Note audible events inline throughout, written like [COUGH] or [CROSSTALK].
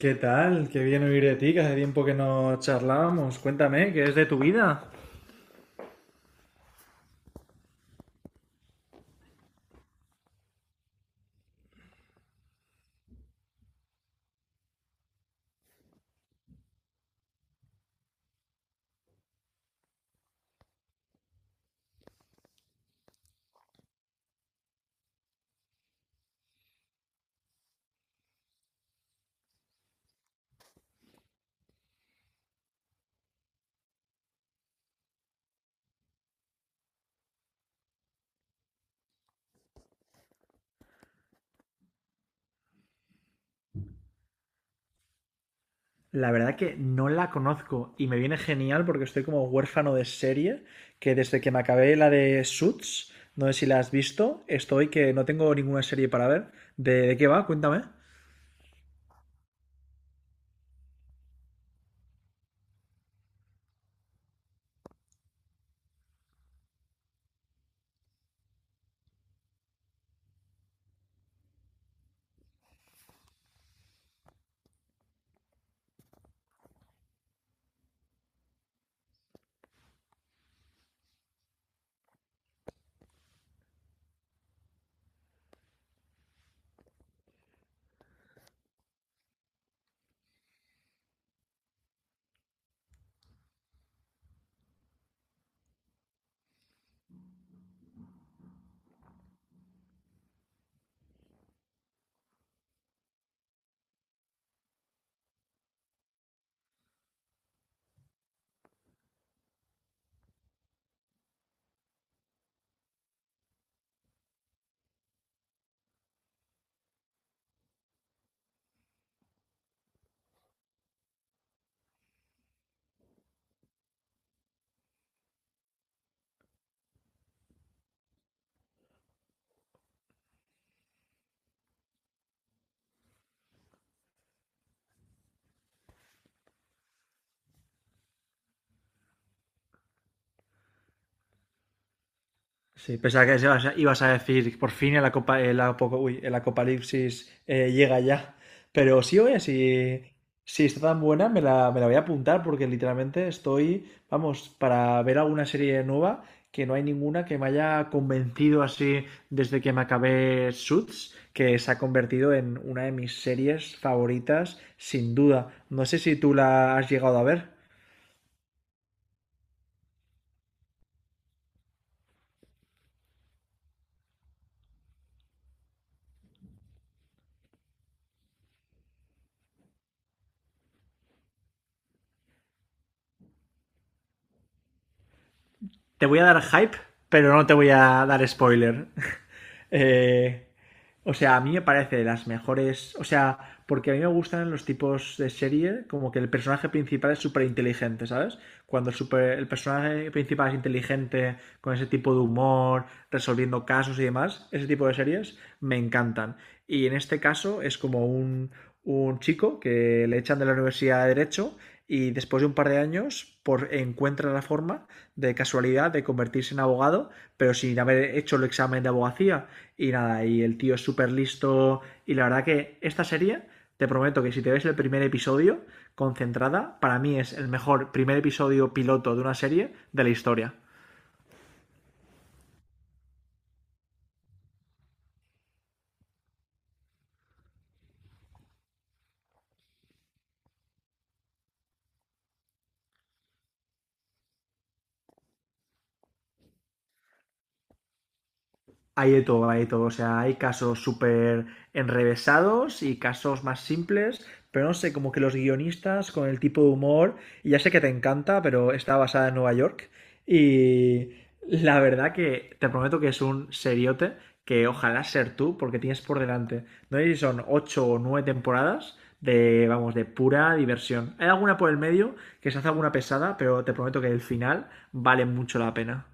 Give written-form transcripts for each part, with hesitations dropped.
¿Qué tal? Qué bien oír de ti, que hace tiempo que no charlábamos. Cuéntame, ¿qué es de tu vida? La verdad que no la conozco y me viene genial porque estoy como huérfano de serie, que desde que me acabé la de Suits, no sé si la has visto, estoy que no tengo ninguna serie para ver. ¿De qué va? Cuéntame. Sí, pensaba que ibas a decir por fin el, acopa- el apo- uy, el apocalipsis llega ya. Pero sí, oye, si está tan buena, me la voy a apuntar porque literalmente estoy, vamos, para ver alguna serie nueva que no hay ninguna que me haya convencido así desde que me acabé Suits, que se ha convertido en una de mis series favoritas, sin duda. No sé si tú la has llegado a ver. Te voy a dar hype, pero no te voy a dar spoiler. [LAUGHS] Eh, o sea, a mí me parece de las mejores. O sea, porque a mí me gustan los tipos de serie como que el personaje principal es súper inteligente, ¿sabes? Cuando el personaje principal es inteligente, con ese tipo de humor, resolviendo casos y demás, ese tipo de series me encantan. Y en este caso es como un chico que le echan de la Universidad de Derecho y después de un par de años encuentra la forma de casualidad de convertirse en abogado, pero sin haber hecho el examen de abogacía. Y nada, y el tío es súper listo. Y la verdad que esta serie, te prometo que si te ves el primer episodio, concentrada, para mí es el mejor primer episodio piloto de una serie de la historia. Hay de todo, hay de todo. O sea, hay casos súper enrevesados y casos más simples, pero no sé, como que los guionistas con el tipo de humor, y ya sé que te encanta, pero está basada en Nueva York. Y la verdad que te prometo que es un seriote que ojalá ser tú, porque tienes por delante. No sé si son ocho o nueve temporadas de, vamos, de pura diversión. Hay alguna por el medio que se hace alguna pesada, pero te prometo que el final vale mucho la pena.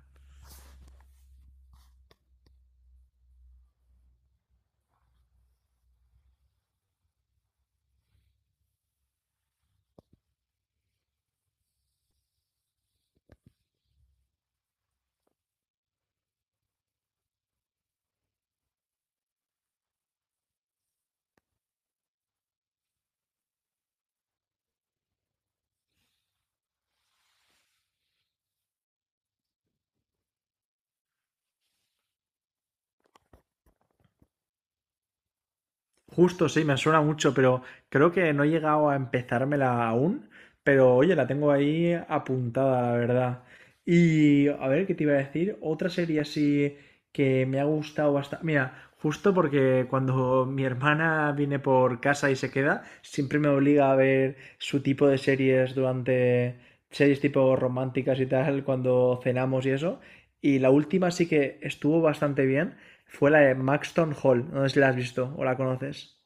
Justo, sí, me suena mucho, pero creo que no he llegado a empezármela aún. Pero oye, la tengo ahí apuntada, la verdad. Y a ver, ¿qué te iba a decir? Otra serie así que me ha gustado bastante. Mira, justo porque cuando mi hermana viene por casa y se queda, siempre me obliga a ver su tipo de series durante series tipo románticas y tal, cuando cenamos y eso. Y la última sí que estuvo bastante bien, fue la de Maxton Hall. No sé si la has visto o la conoces.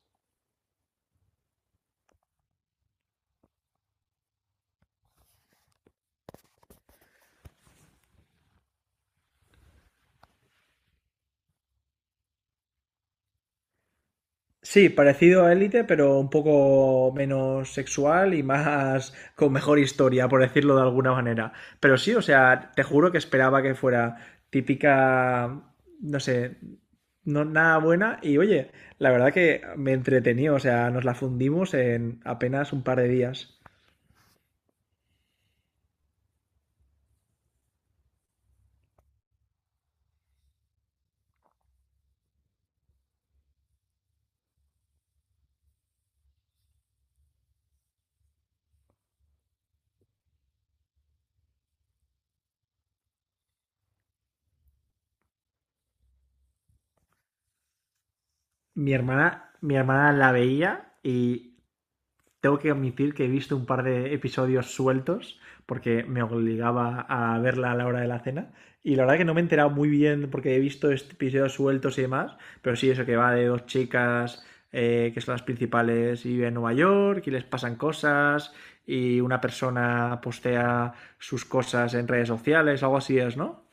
Sí, parecido a Élite, pero un poco menos sexual y más [LAUGHS] con mejor historia, por decirlo de alguna manera. Pero sí, o sea, te juro que esperaba que fuera típica, no sé, no, nada buena. Y oye, la verdad que me entretení, o sea, nos la fundimos en apenas un par de días. Mi hermana la veía y tengo que admitir que he visto un par de episodios sueltos porque me obligaba a verla a la hora de la cena. Y la verdad que no me he enterado muy bien porque he visto este episodios sueltos y demás. Pero sí, eso que va de dos chicas que son las principales y viven en Nueva York y les pasan cosas y una persona postea sus cosas en redes sociales, algo así es, ¿no?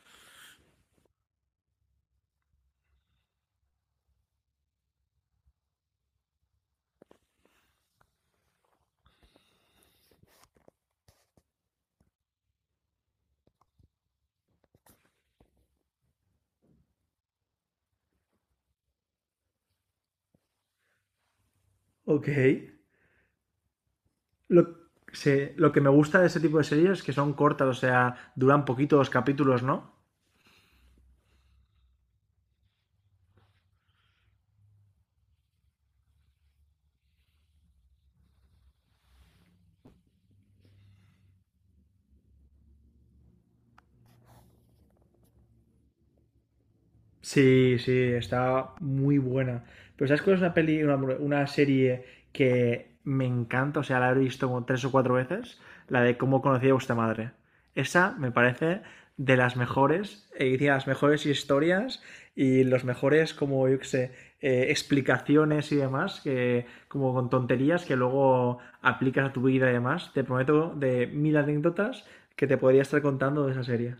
Ok. Lo, lo que me gusta de ese tipo de series es que son cortas, o sea, duran poquito los capítulos, ¿no? Sí, sí, está muy buena. Pero ¿sabes cuál es una peli, una serie que me encanta? O sea, la he visto como tres o cuatro veces. La de cómo conocí a vuestra madre. Esa me parece de las mejores, tiene las mejores historias y los mejores, como yo que sé, explicaciones y demás, que como con tonterías que luego aplicas a tu vida y demás. Te prometo de mil anécdotas que te podría estar contando de esa serie.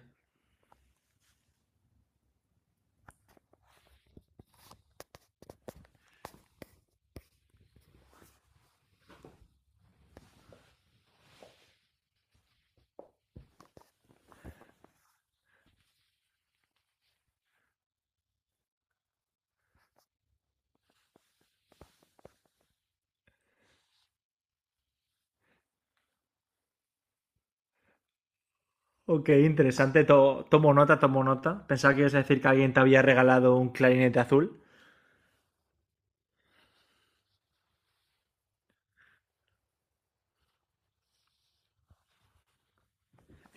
Ok, interesante. Tomo nota, tomo nota. Pensaba que ibas a decir que alguien te había regalado un clarinete azul.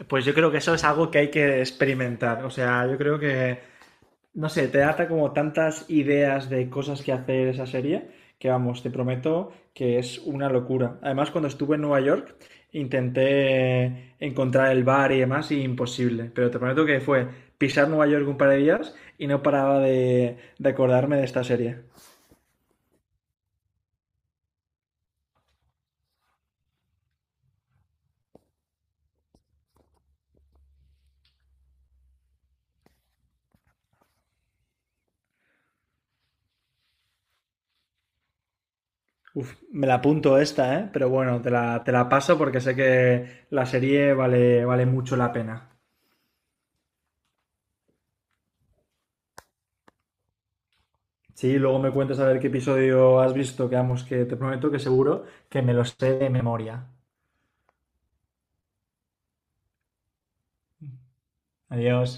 Pues yo creo que eso es algo que hay que experimentar. O sea, yo creo que, no sé, te da como tantas ideas de cosas que hacer esa serie que, vamos, te prometo que es una locura. Además, cuando estuve en Nueva York, intenté encontrar el bar y demás, y imposible. Pero te prometo que fue pisar Nueva York un par de días y no paraba de acordarme de esta serie. Uf, me la apunto esta, ¿eh? Pero bueno, te la paso porque sé que la serie vale, vale mucho la pena. Sí, luego me cuentas a ver qué episodio has visto, que vamos, que te prometo que seguro que me lo sé de memoria. Adiós.